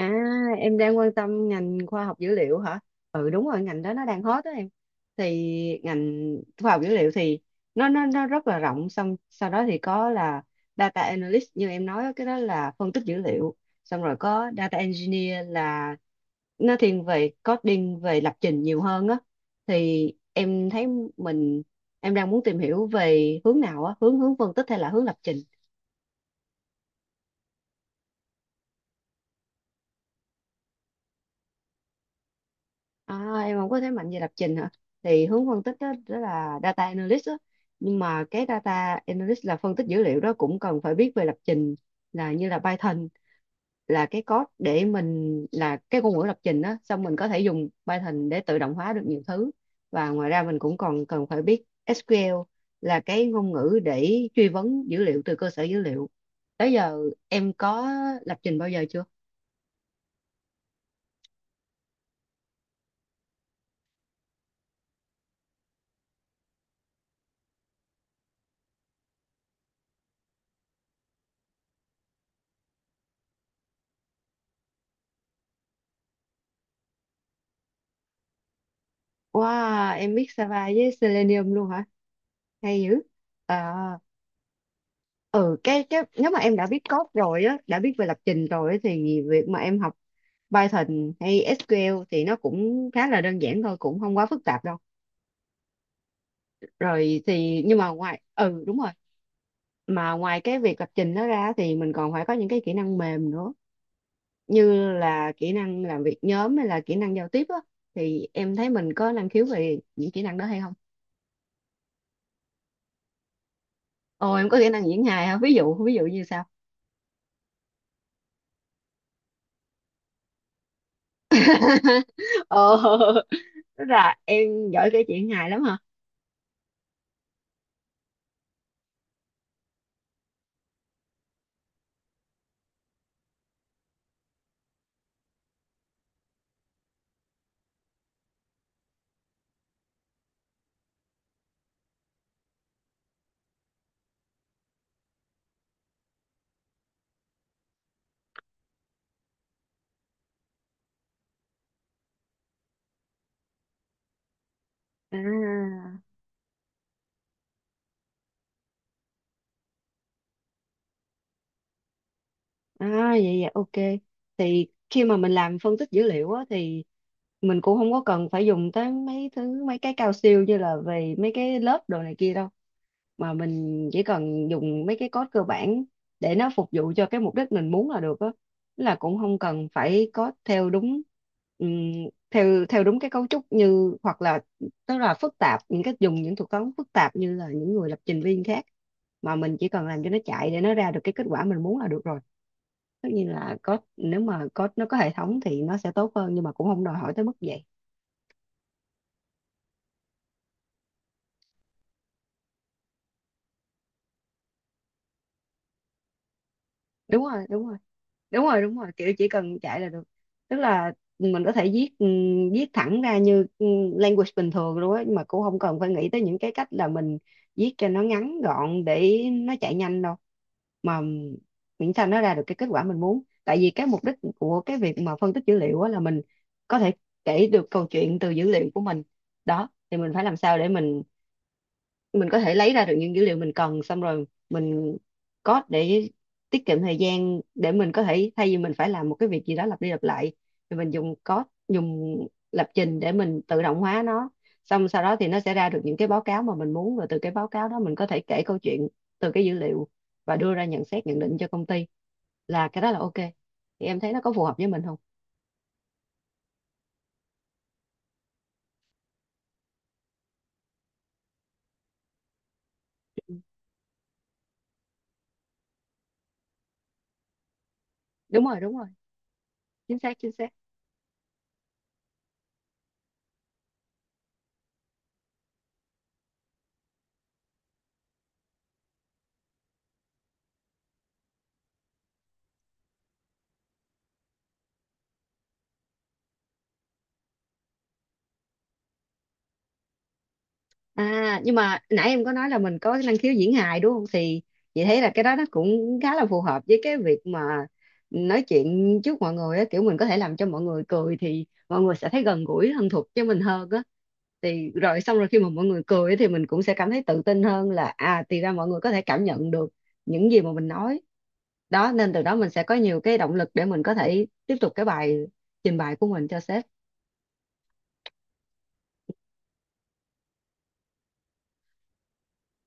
À, em đang quan tâm ngành khoa học dữ liệu hả? Ừ đúng rồi, ngành đó nó đang hot đó em. Thì ngành khoa học dữ liệu thì nó rất là rộng, xong sau đó thì có là data analyst như em nói á, cái đó là phân tích dữ liệu. Xong rồi có data engineer là nó thiên về coding, về lập trình nhiều hơn á. Thì em thấy mình em đang muốn tìm hiểu về hướng nào á, hướng hướng phân tích hay là hướng lập trình? À, em không có thế mạnh về lập trình hả? Thì hướng phân tích đó, đó là data analyst đó. Nhưng mà cái data analyst là phân tích dữ liệu đó cũng cần phải biết về lập trình, là như là Python, là cái code để mình, là cái ngôn ngữ lập trình đó, xong mình có thể dùng Python để tự động hóa được nhiều thứ, và ngoài ra mình cũng còn cần phải biết SQL là cái ngôn ngữ để truy vấn dữ liệu từ cơ sở dữ liệu. Tới giờ em có lập trình bao giờ chưa? Wow, em biết Sava với Selenium luôn hả? Hay dữ. À, ừ, cái nếu mà em đã biết code rồi á, đã biết về lập trình rồi á, thì việc mà em học Python hay SQL thì nó cũng khá là đơn giản thôi, cũng không quá phức tạp đâu. Rồi thì nhưng mà ngoài ừ đúng rồi, mà ngoài cái việc lập trình đó ra thì mình còn phải có những cái kỹ năng mềm nữa, như là kỹ năng làm việc nhóm hay là kỹ năng giao tiếp á, thì em thấy mình có năng khiếu về những kỹ năng đó hay không? Ồ, em có kỹ năng diễn hài hả? Ví dụ như sao? Ờ, tức là em giỏi kể chuyện hài lắm hả. À, à vậy vậy ok, thì khi mà mình làm phân tích dữ liệu á thì mình cũng không có cần phải dùng tới mấy cái cao siêu như là về mấy cái lớp đồ này kia đâu, mà mình chỉ cần dùng mấy cái code cơ bản để nó phục vụ cho cái mục đích mình muốn là được á. Tức là cũng không cần phải code theo đúng ừm, theo theo đúng cái cấu trúc, như hoặc là tức là phức tạp, những cái dùng những thuật toán phức tạp như là những người lập trình viên khác, mà mình chỉ cần làm cho nó chạy để nó ra được cái kết quả mình muốn là được rồi. Tất nhiên là code, nếu mà code nó có hệ thống thì nó sẽ tốt hơn, nhưng mà cũng không đòi hỏi tới mức vậy. Đúng rồi đúng rồi đúng rồi đúng rồi kiểu chỉ cần chạy là được. Tức là mình có thể viết viết thẳng ra như language bình thường luôn á, mà cũng không cần phải nghĩ tới những cái cách là mình viết cho nó ngắn gọn để nó chạy nhanh đâu, mà miễn sao nó ra được cái kết quả mình muốn. Tại vì cái mục đích của cái việc mà phân tích dữ liệu á là mình có thể kể được câu chuyện từ dữ liệu của mình. Đó, thì mình phải làm sao để mình có thể lấy ra được những dữ liệu mình cần, xong rồi mình code để tiết kiệm thời gian, để mình có thể thay vì mình phải làm một cái việc gì đó lặp đi lặp lại thì mình dùng code, dùng lập trình để mình tự động hóa nó, xong sau đó thì nó sẽ ra được những cái báo cáo mà mình muốn, và từ cái báo cáo đó mình có thể kể câu chuyện từ cái dữ liệu và đưa ra nhận xét nhận định cho công ty, là cái đó là ok. Thì em thấy nó có phù hợp với mình không? Đúng rồi. Chính xác. À, nhưng mà nãy em có nói là mình có cái năng khiếu diễn hài đúng không? Thì chị thấy là cái đó nó cũng khá là phù hợp với cái việc mà nói chuyện trước mọi người á, kiểu mình có thể làm cho mọi người cười thì mọi người sẽ thấy gần gũi thân thuộc với mình hơn á. Thì rồi xong rồi khi mà mọi người cười á thì mình cũng sẽ cảm thấy tự tin hơn, là à thì ra mọi người có thể cảm nhận được những gì mà mình nói. Đó nên từ đó mình sẽ có nhiều cái động lực để mình có thể tiếp tục cái bài trình bày của mình cho sếp.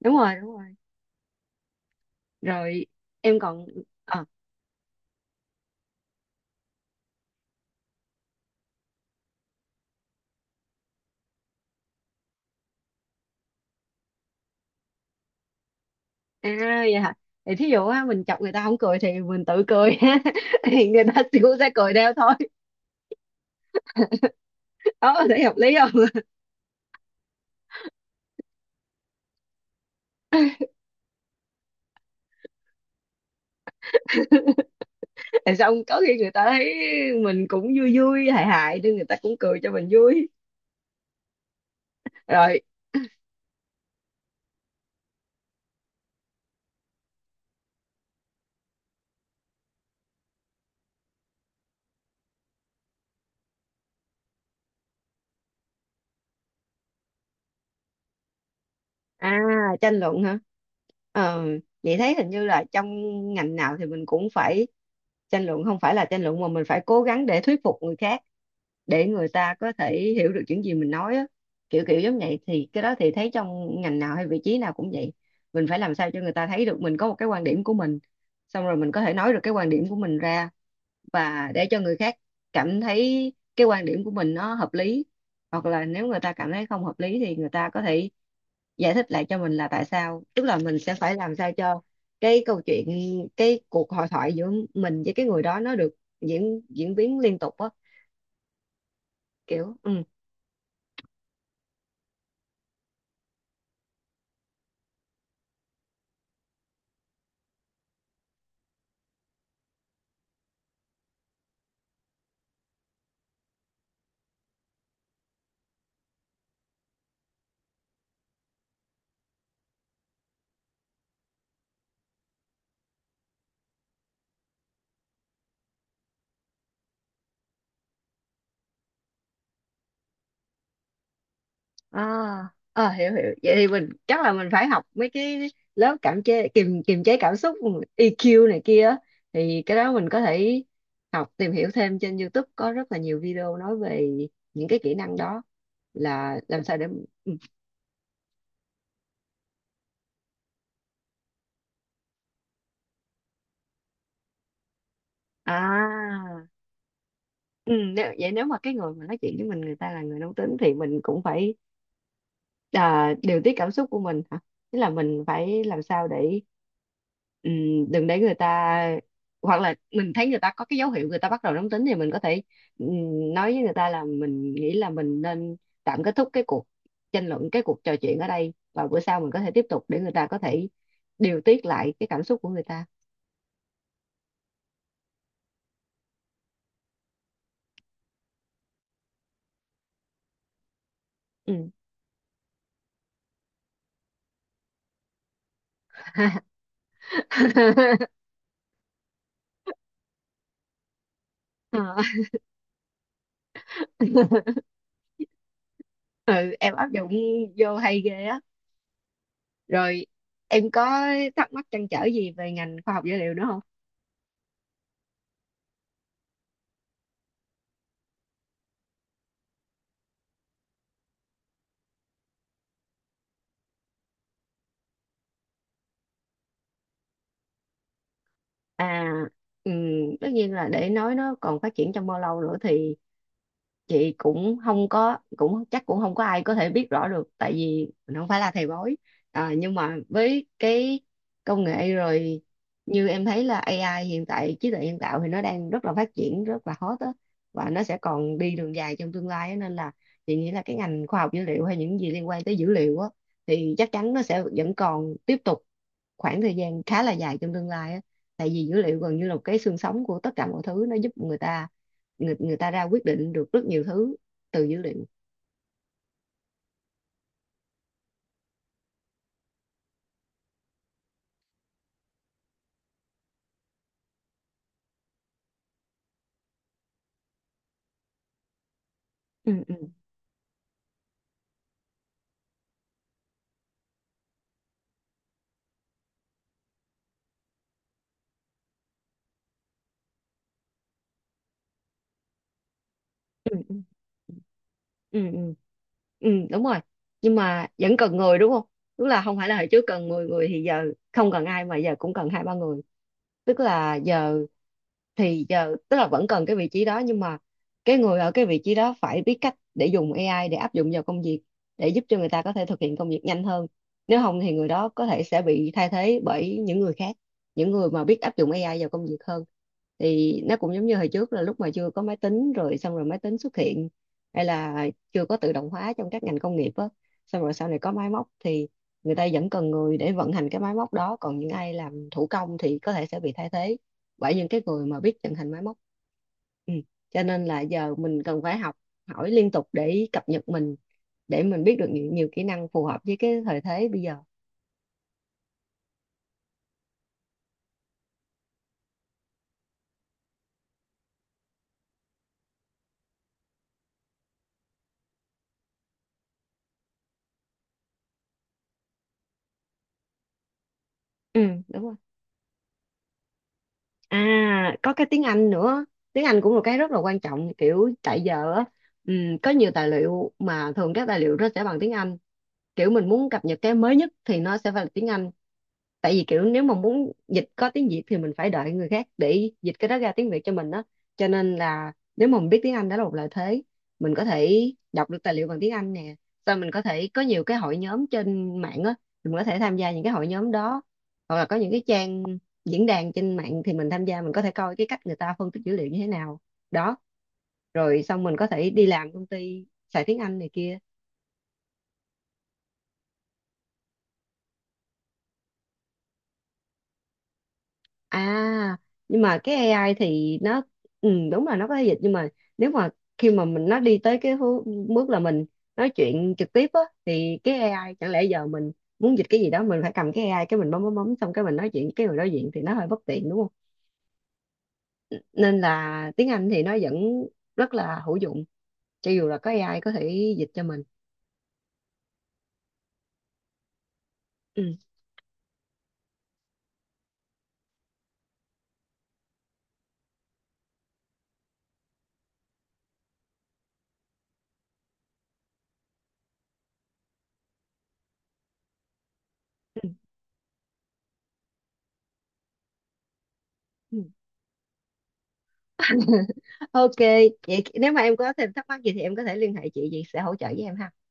Đúng rồi, đúng rồi. Rồi em còn ờ à vậy hả? Thì thí dụ á, mình chọc người ta không cười thì mình tự cười thì người ta cũng sẽ cười theo thôi. Đó, thấy hợp lý không? Tại xong có khi người ta thấy mình cũng vui vui hài hài nên người ta cũng cười cho mình vui. Rồi, à, tranh luận hả? Ờ, vậy thấy hình như là trong ngành nào thì mình cũng phải tranh luận, không phải là tranh luận mà mình phải cố gắng để thuyết phục người khác, để người ta có thể hiểu được những gì mình nói á. Kiểu kiểu giống vậy, thì cái đó thì thấy trong ngành nào hay vị trí nào cũng vậy. Mình phải làm sao cho người ta thấy được mình có một cái quan điểm của mình, xong rồi mình có thể nói được cái quan điểm của mình ra và để cho người khác cảm thấy cái quan điểm của mình nó hợp lý. Hoặc là nếu người ta cảm thấy không hợp lý thì người ta có thể giải thích lại cho mình là tại sao, tức là mình sẽ phải làm sao cho cái câu chuyện, cái cuộc hội thoại giữa mình với cái người đó nó được diễn diễn biến liên tục á, kiểu ừ. À, à, hiểu hiểu vậy thì mình chắc là mình phải học mấy cái lớp cảm chế kiềm kiềm chế cảm xúc EQ này kia á. Thì cái đó mình có thể học, tìm hiểu thêm trên YouTube, có rất là nhiều video nói về những cái kỹ năng đó, là làm sao để ừ. À, ừ, nếu, vậy nếu mà cái người mà nói chuyện với mình người ta là người nóng tính thì mình cũng phải à, điều tiết cảm xúc của mình hả? Tức là mình phải làm sao để ừ, đừng để người ta, hoặc là mình thấy người ta có cái dấu hiệu người ta bắt đầu nóng tính thì mình có thể ừ, nói với người ta là mình nghĩ là mình nên tạm kết thúc cái cuộc tranh luận, cái cuộc trò chuyện ở đây, và bữa sau mình có thể tiếp tục để người ta có thể điều tiết lại cái cảm xúc của người ta. Ừ. Ờ. Ừ, em áp dụng vô hay ghê á. Rồi em có thắc mắc trăn trở gì về ngành khoa học dữ liệu nữa không? À, ừm, tất nhiên là để nói nó còn phát triển trong bao lâu nữa thì chị cũng không có, cũng chắc cũng không có ai có thể biết rõ được, tại vì mình không phải là thầy bói. À, nhưng mà với cái công nghệ rồi như em thấy là AI hiện tại, trí tuệ nhân tạo, thì nó đang rất là phát triển, rất là hot á, và nó sẽ còn đi đường dài trong tương lai á. Nên là chị nghĩ là cái ngành khoa học dữ liệu hay những gì liên quan tới dữ liệu á thì chắc chắn nó sẽ vẫn còn tiếp tục khoảng thời gian khá là dài trong tương lai á, tại vì dữ liệu gần như là một cái xương sống của tất cả mọi thứ, nó giúp người ta, người người ta ra quyết định được rất nhiều thứ từ dữ liệu. Ừ ừ ừ ừ ừ ừ ừ Đúng rồi, nhưng mà vẫn cần người đúng không. Tức là không phải là hồi trước cần 10 người thì giờ không cần ai, mà giờ cũng cần 2 3 người. Tức là giờ, thì giờ tức là vẫn cần cái vị trí đó, nhưng mà cái người ở cái vị trí đó phải biết cách để dùng AI, để áp dụng vào công việc, để giúp cho người ta có thể thực hiện công việc nhanh hơn. Nếu không thì người đó có thể sẽ bị thay thế bởi những người khác, những người mà biết áp dụng AI vào công việc hơn. Thì nó cũng giống như hồi trước là lúc mà chưa có máy tính, rồi xong rồi máy tính xuất hiện, hay là chưa có tự động hóa trong các ngành công nghiệp á, xong rồi sau này có máy móc thì người ta vẫn cần người để vận hành cái máy móc đó, còn những ai làm thủ công thì có thể sẽ bị thay thế bởi những cái người mà biết vận hành máy móc. Ừ. Cho nên là giờ mình cần phải học hỏi liên tục để cập nhật mình, để mình biết được nhiều, nhiều kỹ năng phù hợp với cái thời thế bây giờ. Ừ đúng rồi, à có cái tiếng Anh nữa. Tiếng Anh cũng là cái rất là quan trọng, kiểu tại giờ á, ừ, có nhiều tài liệu, mà thường các tài liệu nó sẽ bằng tiếng Anh, kiểu mình muốn cập nhật cái mới nhất thì nó sẽ phải là tiếng Anh. Tại vì kiểu nếu mà muốn dịch có tiếng Việt thì mình phải đợi người khác để dịch cái đó ra tiếng Việt cho mình đó. Cho nên là nếu mà mình biết tiếng Anh đó là một lợi thế, mình có thể đọc được tài liệu bằng tiếng Anh nè, sau mình có thể có nhiều cái hội nhóm trên mạng á, mình có thể tham gia những cái hội nhóm đó, hoặc là có những cái trang diễn đàn trên mạng thì mình tham gia, mình có thể coi cái cách người ta phân tích dữ liệu như thế nào. Đó rồi xong mình có thể đi làm công ty xài tiếng Anh này kia. À, nhưng mà cái AI thì nó đúng là nó có thể dịch, nhưng mà nếu mà khi mà mình nó đi tới cái hư- bước là mình nói chuyện trực tiếp á, thì cái AI chẳng lẽ giờ mình muốn dịch cái gì đó mình phải cầm cái AI cái mình bấm bấm bấm xong cái mình nói chuyện với cái người đối diện thì nó hơi bất tiện đúng không? Nên là tiếng Anh thì nó vẫn rất là hữu dụng cho dù là có AI có thể dịch cho mình. Ừ. Ừ. ừ. Ok, vậy nếu mà em có thêm thắc mắc gì thì em có thể liên hệ chị sẽ hỗ trợ với em ha.